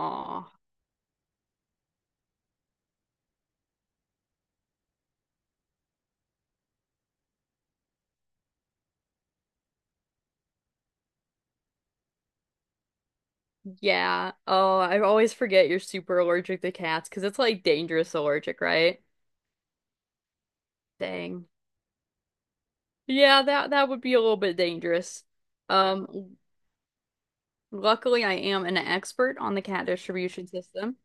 Aw. Yeah. Oh, I always forget you're super allergic to cats because it's like dangerous allergic, right? Dang. Yeah, that would be a little bit dangerous. Um, Luckily I am an expert on the cat distribution system.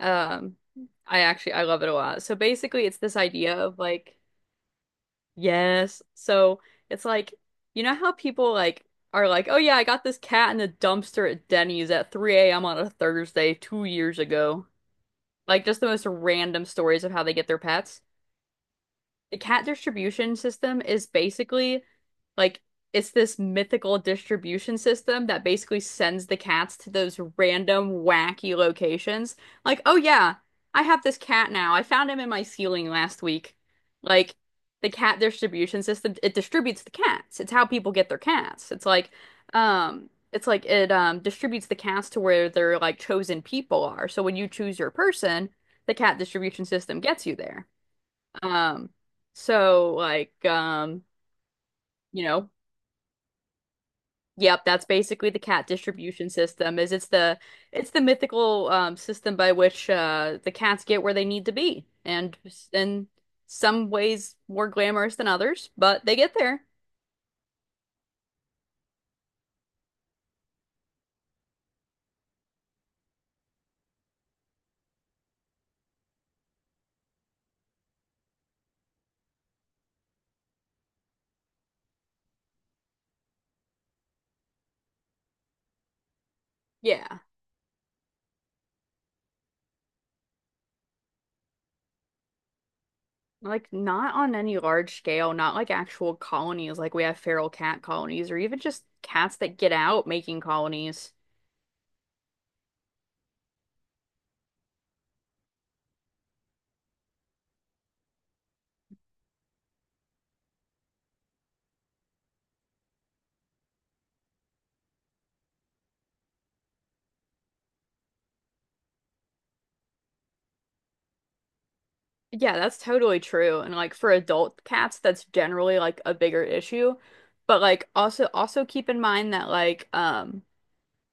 Um, I actually I love it a lot. So basically it's this idea of like, yes. So it's like, you know how people like are like, oh yeah, I got this cat in the dumpster at Denny's at 3 a.m. on a Thursday 2 years ago. Like just the most random stories of how they get their pets. The cat distribution system is basically like it's this mythical distribution system that basically sends the cats to those random wacky locations. Like, oh yeah, I have this cat now. I found him in my ceiling last week. Like the cat distribution system, it distributes the cats. It's how people get their cats. It's like it distributes the cats to where their like chosen people are. So when you choose your person, the cat distribution system gets you there. Um, so like um, you know, yep, that's basically the cat distribution system is it's the mythical system by which the cats get where they need to be and in some ways more glamorous than others, but they get there. Yeah. Like not on any large scale, not like actual colonies like we have feral cat colonies or even just cats that get out making colonies. Yeah, that's totally true. And like for adult cats, that's generally like a bigger issue. But like also keep in mind that like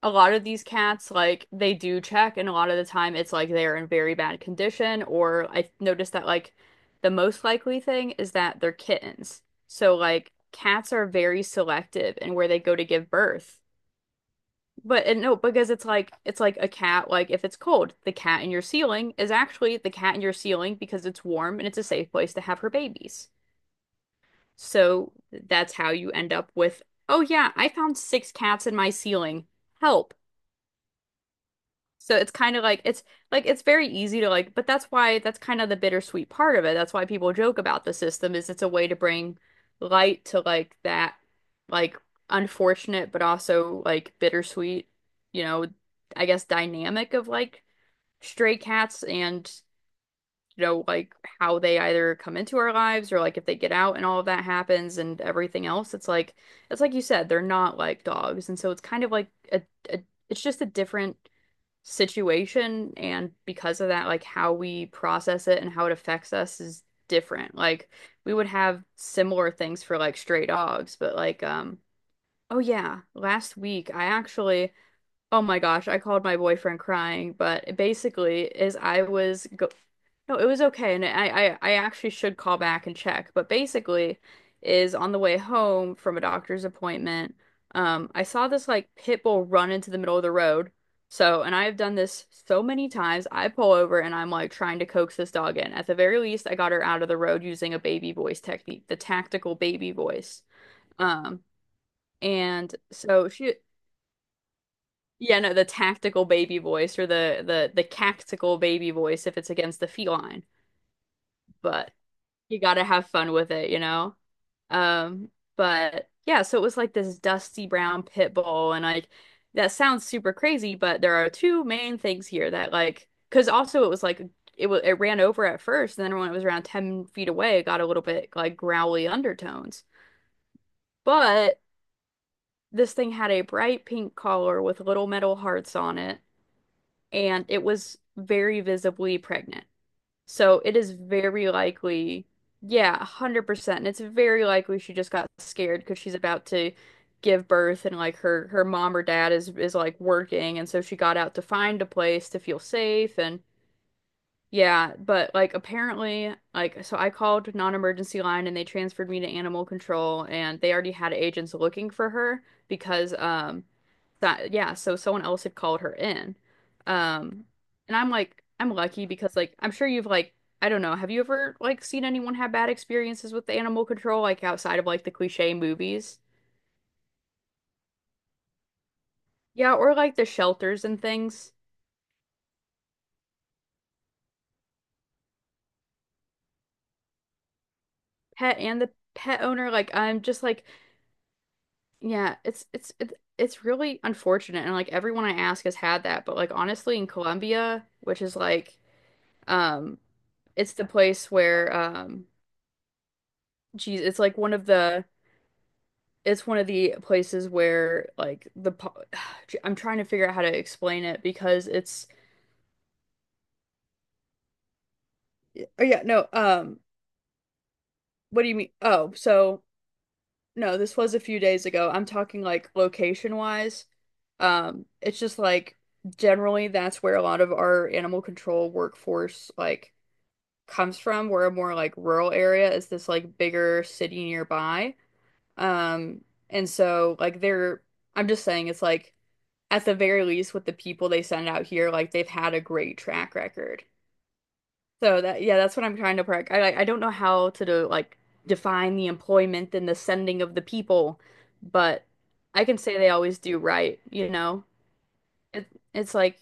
a lot of these cats like they do check and a lot of the time it's like they're in very bad condition or I noticed that like the most likely thing is that they're kittens. So like cats are very selective in where they go to give birth. But and no, because it's like a cat, like if it's cold, the cat in your ceiling is actually the cat in your ceiling because it's warm and it's a safe place to have her babies. So that's how you end up with, oh yeah, I found six cats in my ceiling. Help. So it's kind of like it's very easy to like, but that's why that's kind of the bittersweet part of it. That's why people joke about the system is it's a way to bring light to like that like unfortunate but also like bittersweet, you know, I guess dynamic of like stray cats and you know like how they either come into our lives or like if they get out and all of that happens and everything else. It's like you said, they're not like dogs. And so it's kind of like a, a it's just a different situation and because of that like how we process it and how it affects us is different like we would have similar things for like stray dogs but like oh yeah last week I actually oh my gosh, I called my boyfriend crying, but basically is I was go no, it was okay and I actually should call back and check, but basically is on the way home from a doctor's appointment, I saw this like pit bull run into the middle of the road. So, and I have done this so many times. I pull over and I'm like trying to coax this dog in. At the very least, I got her out of the road using a baby voice technique, the tactical baby voice. Um, and so she yeah, no, the tactical baby voice or the cactical baby voice if it's against the feline. But you gotta have fun with it, you know? But yeah, so it was like this dusty brown pit bull and like that sounds super crazy, but there are two main things here that like because also it was like it was it ran over at first and then when it was around 10 feet away, it got a little bit like growly undertones. But this thing had a bright pink collar with little metal hearts on it and it was very visibly pregnant. So it is very likely, yeah, 100%. And it's very likely she just got scared because she's about to give birth and like her mom or dad is like working and so she got out to find a place to feel safe and yeah, but like apparently, like so I called non-emergency line and they transferred me to animal control and they already had agents looking for her because that yeah, so someone else had called her in. Um and I'm like I'm lucky because like I'm sure you've like I don't know, have you ever like seen anyone have bad experiences with animal control like outside of like the cliche movies? Yeah, or like the shelters and things. Pet and the pet owner like I'm just like yeah, it's really unfortunate and like everyone I ask has had that, but like honestly in Colombia, which is like um it's the place where geez, it's like one of the it's one of the places where like the po- I'm trying to figure out how to explain it because it's oh yeah, no, what do you mean? Oh, so no, this was a few days ago. I'm talking like location wise. It's just like generally that's where a lot of our animal control workforce like comes from. We're a more like rural area is this like bigger city nearby. Um, and so like they're I'm just saying it's like at the very least with the people they send out here, like they've had a great track record. So that yeah, that's what I'm trying to practice. I don't know how to do, like define the employment and the sending of the people, but I can say they always do right, you know. It it's like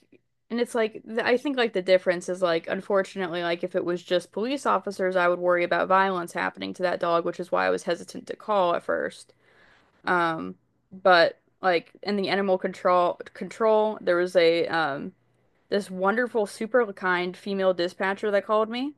and it's like th- I think like the difference is like unfortunately like if it was just police officers, I would worry about violence happening to that dog, which is why I was hesitant to call at first. Um, but like in the animal control, there was a this wonderful super kind female dispatcher that called me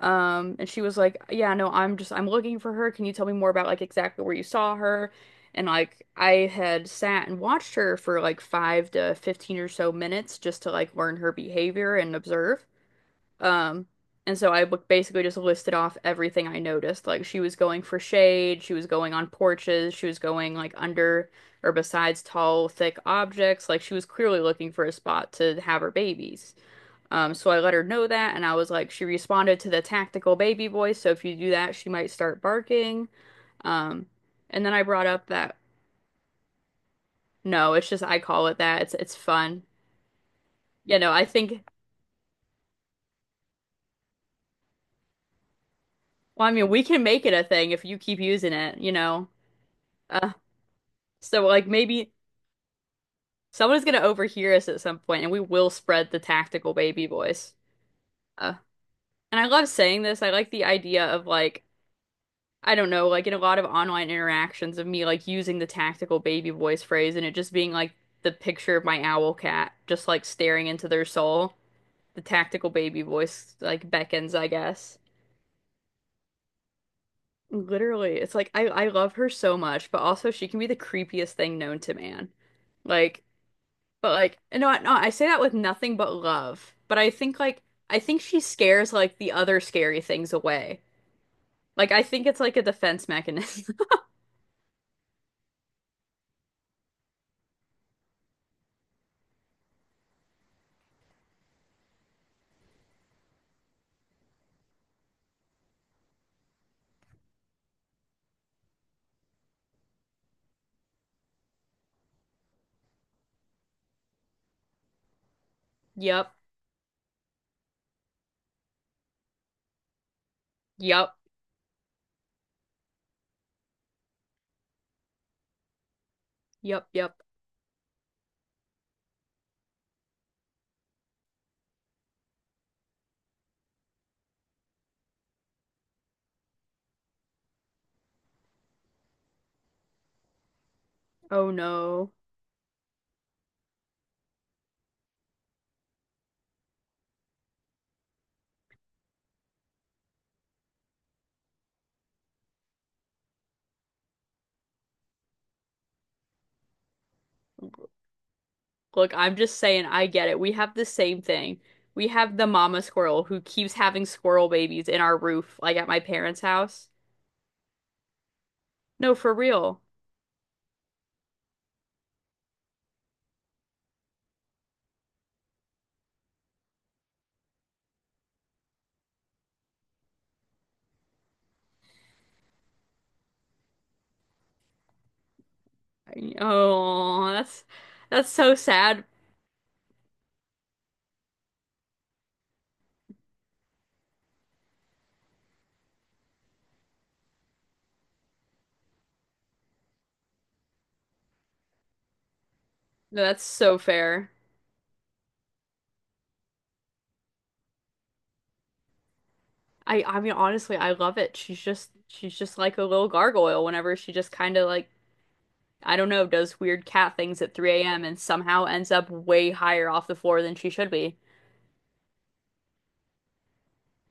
and she was like, "Yeah, no, I'm looking for her. Can you tell me more about like exactly where you saw her?" And like I had sat and watched her for like five to 15 or so minutes just to like learn her behavior and observe. Um, and so I basically just listed off everything I noticed. Like she was going for shade, she was going on porches, she was going like under or besides tall, thick objects. Like she was clearly looking for a spot to have her babies. So I let her know that, and I was like, she responded to the tactical baby voice. So if you do that, she might start barking. Um, and then I brought up that no, it's just I call it that. It's fun. You know, I think. Well, I mean, we can make it a thing if you keep using it. You know. Uh, So like maybe someone's gonna overhear us at some point and we will spread the tactical baby voice. Uh, and I love saying this. I like the idea of like I don't know, like in a lot of online interactions of me like using the tactical baby voice phrase and it just being like the picture of my owl cat just like staring into their soul. The tactical baby voice like beckons, I guess. Literally, it's like I love her so much, but also she can be the creepiest thing known to man. Like but like, no, no, I say that with nothing but love. But I think like I think she scares like the other scary things away. Like I think it's like a defense mechanism. Yep, yep, yep. Oh no. Look, I'm just saying I get it. We have the same thing. We have the mama squirrel who keeps having squirrel babies in our roof, like at my parents' house. No, for real. I- Oh, that's so sad. No, that's so fair. I mean honestly, I love it. She's just like a little gargoyle whenever she just kind of like I don't know, does weird cat things at 3 a.m. and somehow ends up way higher off the floor than she should be.